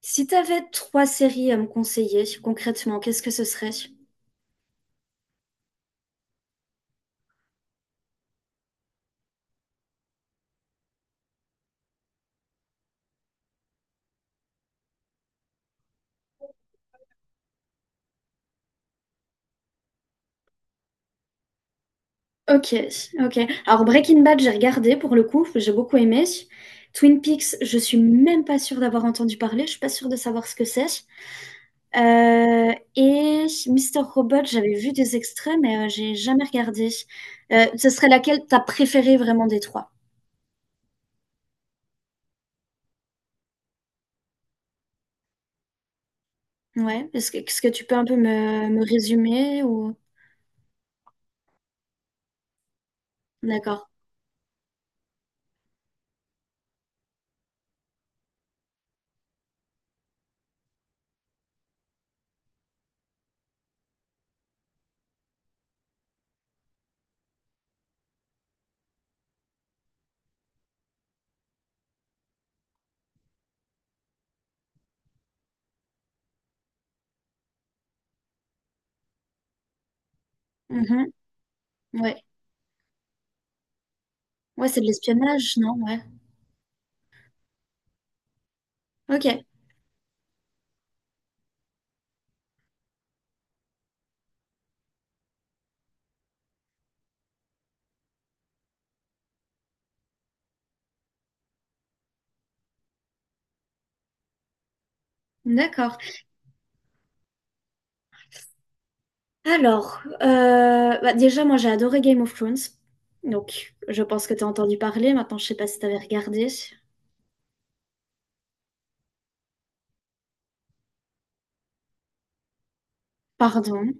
Si t'avais trois séries à me conseiller, concrètement, qu'est-ce que ce serait? Ok, ok. Alors Breaking Bad, j'ai regardé pour le coup, j'ai beaucoup aimé. Twin Peaks, je suis même pas sûre d'avoir entendu parler, je suis pas sûre de savoir ce que c'est. Et Mister Robot, j'avais vu des extraits, mais j'ai jamais regardé. Ce serait laquelle t'as préférée vraiment des trois? Ouais. Est-ce que tu peux un peu me résumer ou... D'accord. Mhm. Ouais. Ouais, c'est de l'espionnage, non? Ouais. Ok. D'accord. Alors, bah, déjà, moi j'ai adoré Game of Thrones. Donc, je pense que tu as entendu parler. Maintenant, je sais pas si tu avais regardé. Pardon.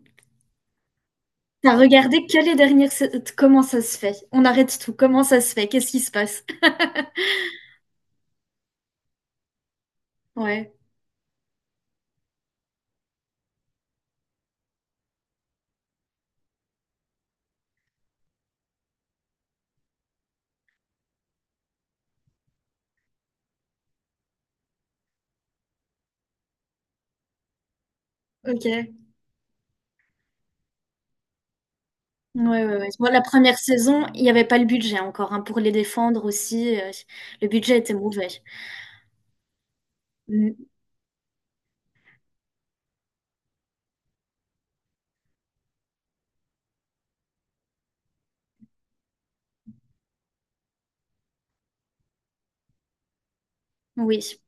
T'as regardé que les dernières... sa- Comment ça se fait? On arrête tout. Comment ça se fait? Qu'est-ce qui se passe? Ouais, ok. Ouais, ouais, ouais. Moi, la première saison, il n'y avait pas le budget encore, hein, pour les défendre aussi, le budget était mauvais. Mm. Oui.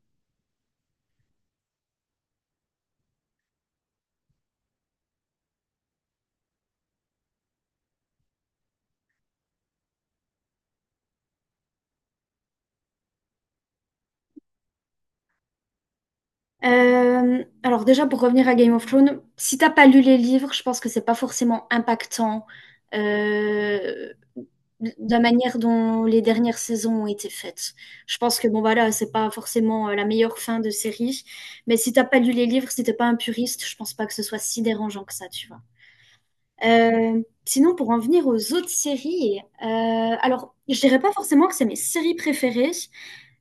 Alors déjà pour revenir à Game of Thrones, si t'as pas lu les livres, je pense que c'est pas forcément impactant euh, de la manière dont les dernières saisons ont été faites. Je pense que bon voilà, là, c'est pas forcément la meilleure fin de série, mais si t'as pas lu les livres, si t'es pas un puriste, je pense pas que ce soit si dérangeant que ça, tu vois. Sinon pour en venir aux autres séries, alors je dirais pas forcément que c'est mes séries préférées.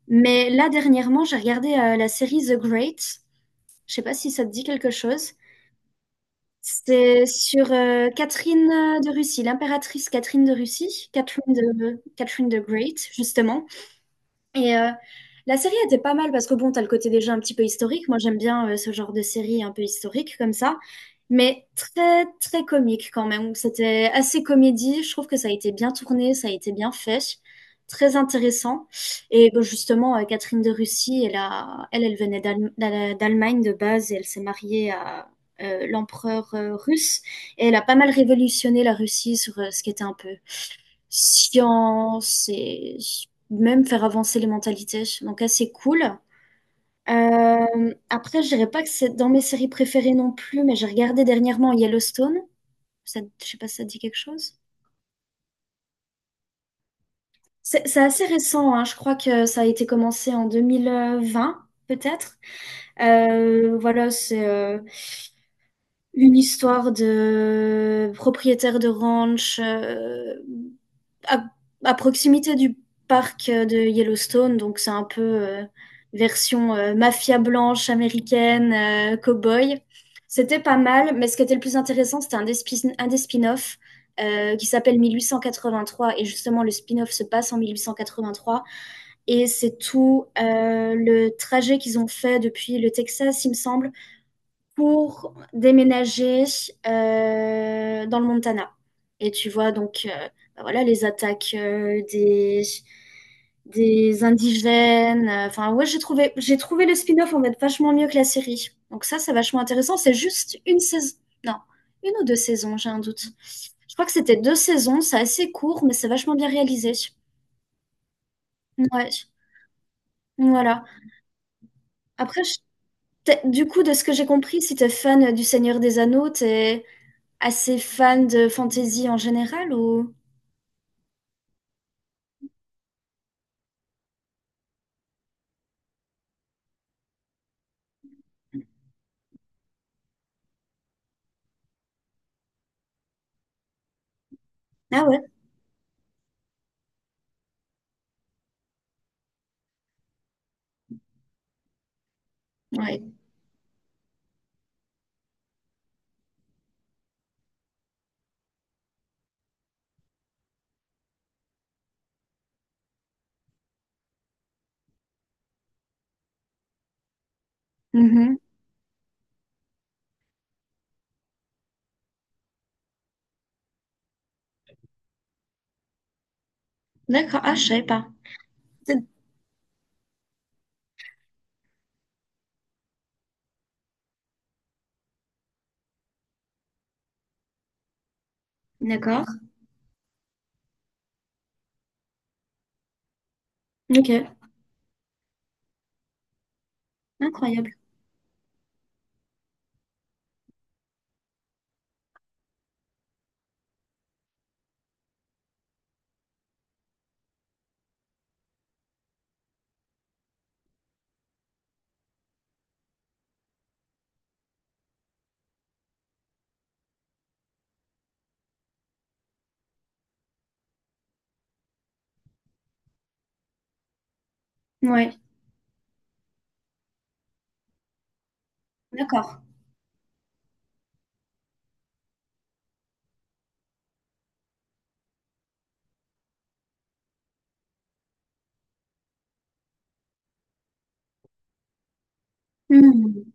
Mais là, dernièrement, j'ai regardé la série The Great. Je sais pas si ça te dit quelque chose. C'est sur Catherine de Russie, l'impératrice Catherine de Russie, Catherine the Great, justement. Et la série était pas mal parce que bon, t'as le côté déjà un petit peu historique. Moi, j'aime bien ce genre de série un peu historique comme ça, mais très très comique quand même. C'était assez comédie. Je trouve que ça a été bien tourné, ça a été bien fait, très intéressant. Et bon, justement, Catherine de Russie, elle venait d'Allemagne de base et elle s'est mariée à l'empereur russe et elle a pas mal révolutionné la Russie sur ce qui était un peu science et même faire avancer les mentalités. Donc assez cool. Après, je dirais pas que c'est dans mes séries préférées non plus, mais j'ai regardé dernièrement Yellowstone. Ça, je sais pas si ça te dit quelque chose. C'est assez récent, hein. Je crois que ça a été commencé en deux mille vingt peut-être. Voilà, c'est une histoire de propriétaire de ranch, à, à proximité du parc de Yellowstone, donc c'est un peu version mafia blanche américaine, cow-boy. C'était pas mal, mais ce qui était le plus intéressant, c'était un des spin-offs qui s'appelle 1883, et justement le spin-off se passe en 1883, et c'est tout le trajet qu'ils ont fait depuis le Texas, il me semble, pour déménager dans le Montana. Et tu vois donc bah voilà, les attaques des indigènes. Enfin, ouais, j'ai trouvé le spin-off en fait vachement mieux que la série. Donc ça, c'est vachement intéressant. C'est juste une saison. Non, une ou deux saisons, j'ai un doute. Je crois que c'était deux saisons. C'est assez court, mais c'est vachement bien réalisé. Ouais, voilà. Après, du coup, de ce que j'ai compris, si t'es fan du Seigneur des Anneaux, t'es assez fan de fantasy en général ou? Ah ouais? Ouais. Mhm. D'accord. Ah, je savais pas. C'est- D'accord. Ok. Incroyable. Ouais. D'accord. Hmm.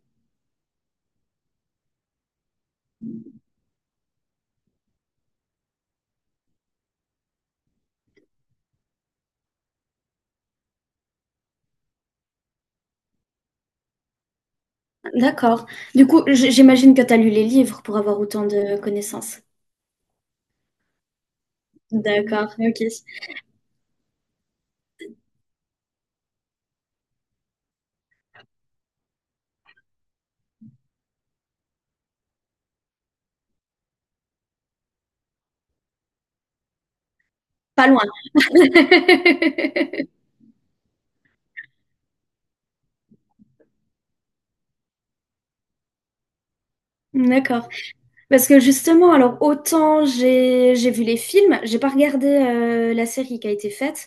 D'accord. Du coup, j- j'imagine que tu as lu les livres pour avoir autant de connaissances. D'accord. Ok. Pas loin. D'accord. Parce que justement, alors autant j'ai vu les films, j'ai pas regardé la série qui a été faite.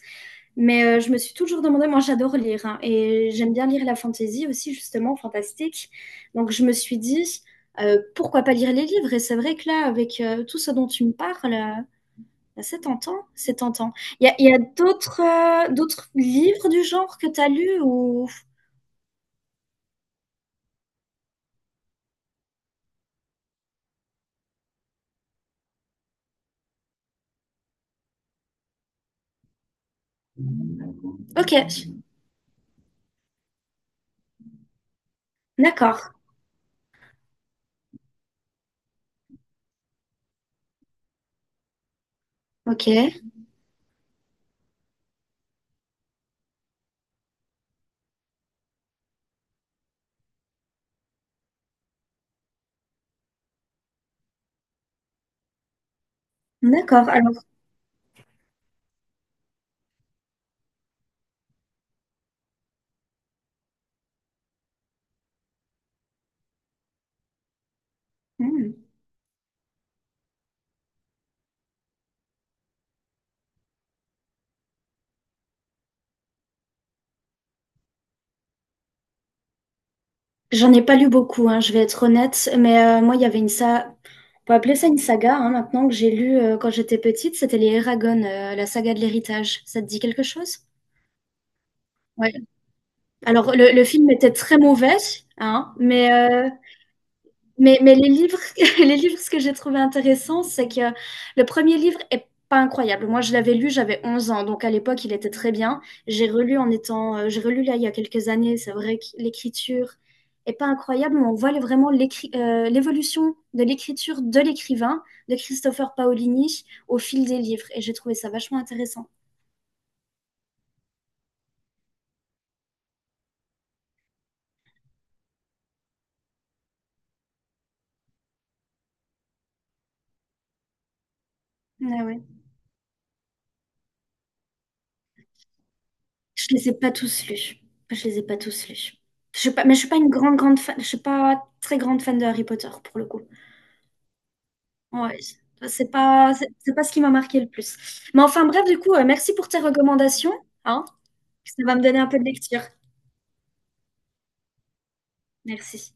Mais je me suis toujours demandé, moi j'adore lire hein, et j'aime bien lire la fantasy aussi justement, fantastique. Donc je me suis dit, pourquoi pas lire les livres? Et c'est vrai que là, avec tout ce dont tu me parles, bah, c'est tentant, c'est tentant. Il y a d'autres d'autres livres du genre que tu as lus ou... Ok, d'accord, ok, d'accord. Alors, hmm. J'en ai pas lu beaucoup, hein, je vais être honnête, mais moi, il y avait une saga, on peut appeler ça une saga, hein, maintenant que j'ai lu quand j'étais petite, c'était les Eragon, la saga de l'héritage. Ça te dit quelque chose? Ouais. Alors, le film était très mauvais, hein, mais les livres, les livres, ce que j'ai trouvé intéressant, c'est que le premier livre est pas incroyable. Moi, je l'avais lu, j'avais 11 ans, donc à l'époque, il était très bien. J'ai relu en étant, j'ai relu là il y a quelques années. C'est vrai que l'écriture est pas incroyable, mais on voit vraiment l'évolution de l'écriture de l'écrivain, de Christopher Paolini, au fil des livres. Et j'ai trouvé ça vachement intéressant. Ah ouais. Je les ai pas tous lus. Je les ai pas tous lus. Je suis pas, Mais je suis pas une grande, grande fan. Je suis pas très grande fan de Harry Potter pour le coup. Ouais, c'est pas ce qui m'a marqué le plus. Mais enfin bref, du coup, merci pour tes recommandations, hein. Ça va me donner un peu de lecture. Merci.